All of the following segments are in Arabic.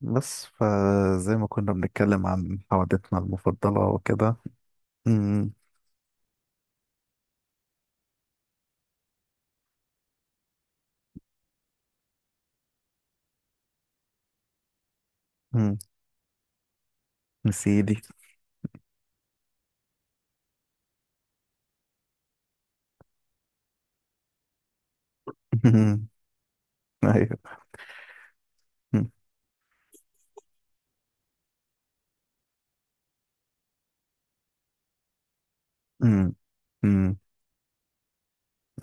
بس فزي ما كنا بنتكلم عن حوادثنا المفضلة وكده. أمم. أمم. نسيدي. أمم. أيوه. أمم. أمم. أمم.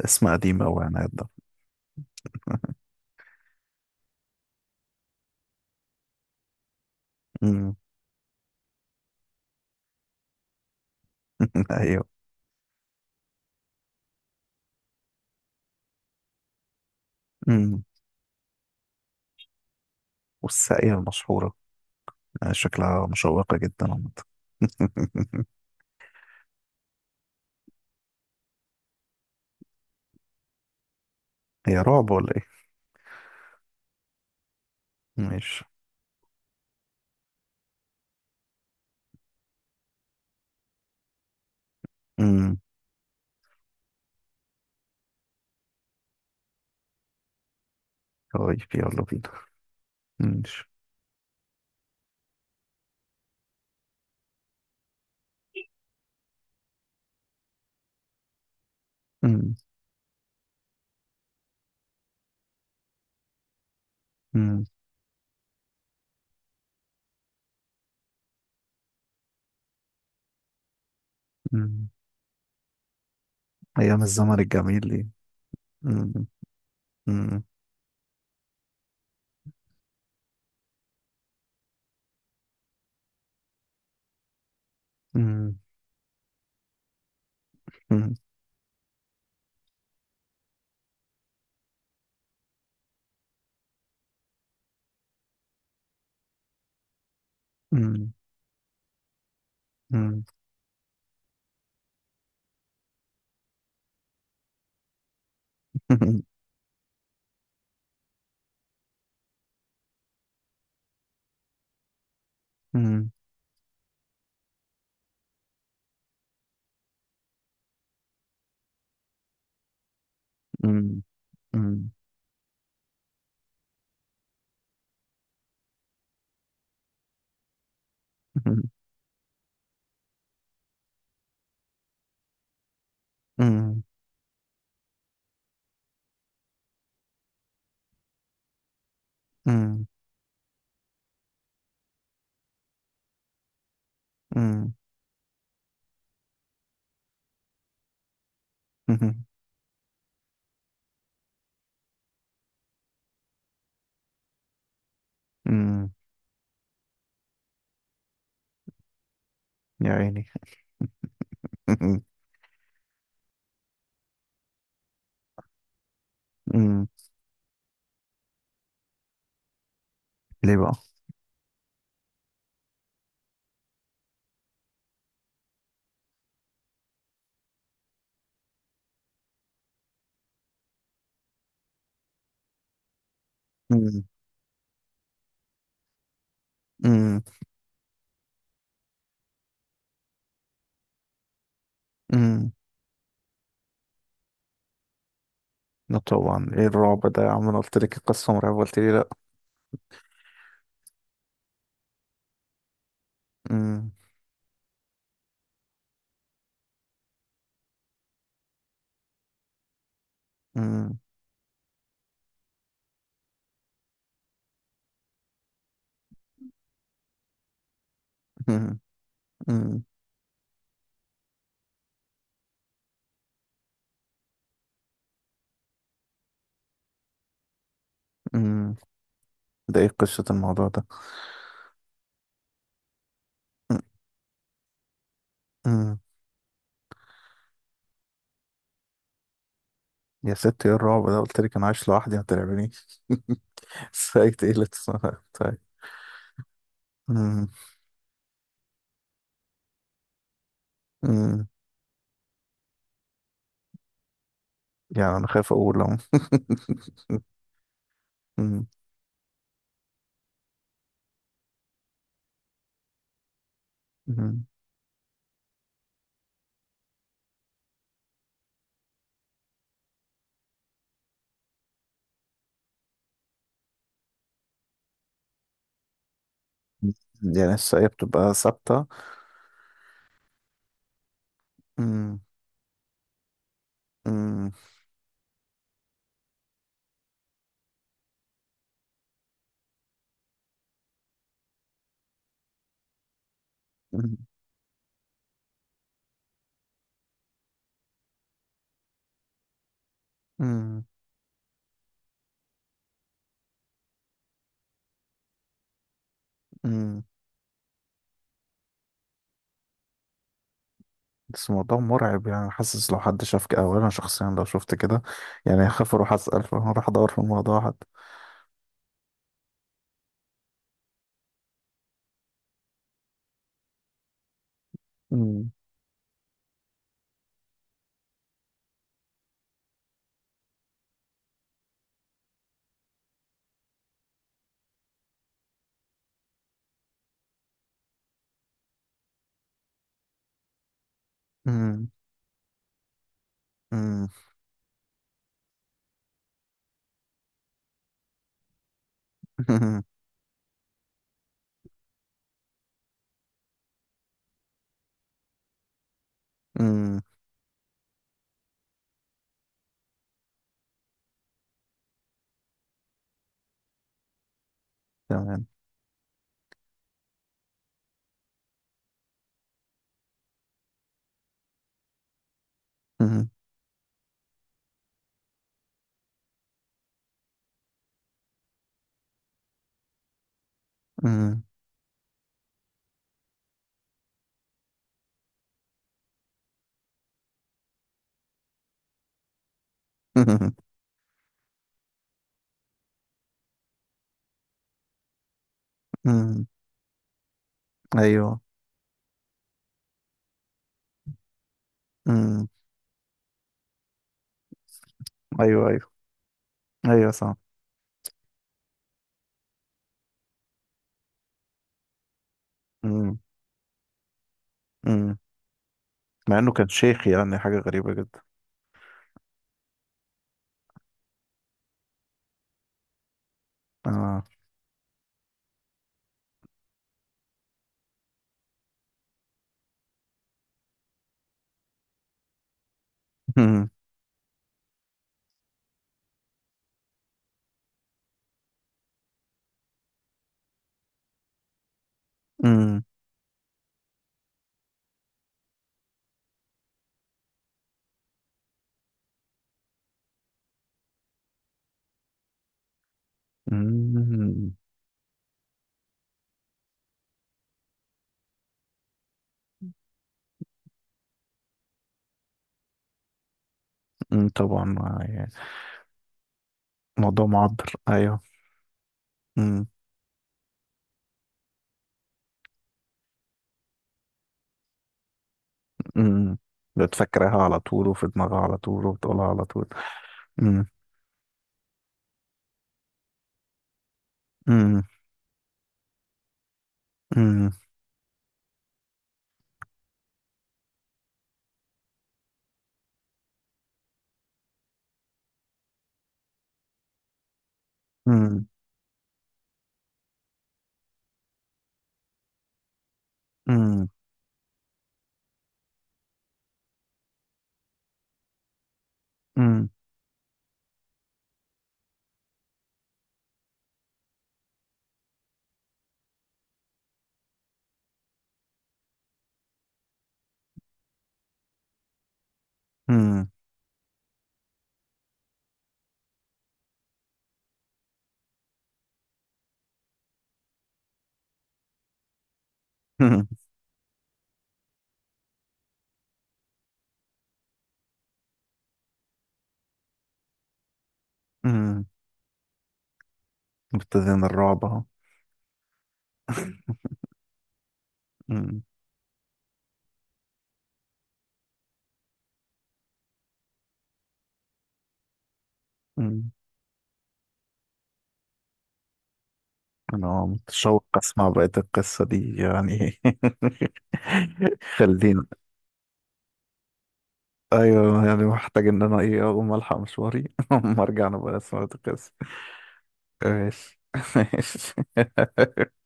اسم قديم أوي يعني هيتضاف. أمم. أيوه. أمم. والساقية المشهورة. يعني شكلها مشوقة جدا عامة. هي رعب ولا إيه؟ ماشي. أمم. طيب يلا بينا. ماشي. أمم. أمم. أمم. أيام الزمن الجميل دي. أمم. أمم. أمم. أمم. أمم. أمم. مم. مم. مم. مم. مم. مم. مم. يا عيني. مم. ليه بقى؟ مم. مم. مم. لا طبعا ايه الرعب ده يا عم انا قلت لك قصة مرعبة قلت لي لا. مم. مم. مم. مم. مم. ده ايه قصة الموضوع ده؟ مم. مم. يا ست ايه الرعب ده قلت لك انا عايش لوحدي ما ترعبنيش. سايت ايه اللي تصنع طيب. مم. مم. يعني انا خايف اقول اهو. مم. يعني الشقية بتبقى ثابتة. أمم. أمم. أمم. أمم. أمم. بس الموضوع مرعب، يعني حاسس لو حد شاف كده أو أنا شخصيا لو شفت كده. يعني هخاف أروح أسأل، فهروح أدور في الموضوع حد. أمم. أمم. أمم. أمم. أمم. تمام. أمم. أمم. أمم. أمم. أيوه. أمم. أيوه أيوه. أيوه صح. أمم. أمم. مع إنه كان شيخ، يعني حاجة غريبة جدا. آه أمم. أمم. أمم. أمم. طبعا موضوع معبر. ايوه. امم. امم. بتفكرها على طول وفي دماغها على طول وبتقولها على طول. امم. امم. امم. امم. امم. امم. امم. امم. مبتدئين الرعب اهو. امم. امم. انا متشوق اسمع بقية القصة دي يعني. خلينا. ايوه، يعني محتاج ان انا ايه اقوم الحق مشواري. اما ارجع انا بقى اسمع بقية القصة. ماشي. ماشي.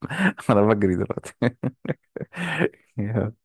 انا بجري دلوقتي. يا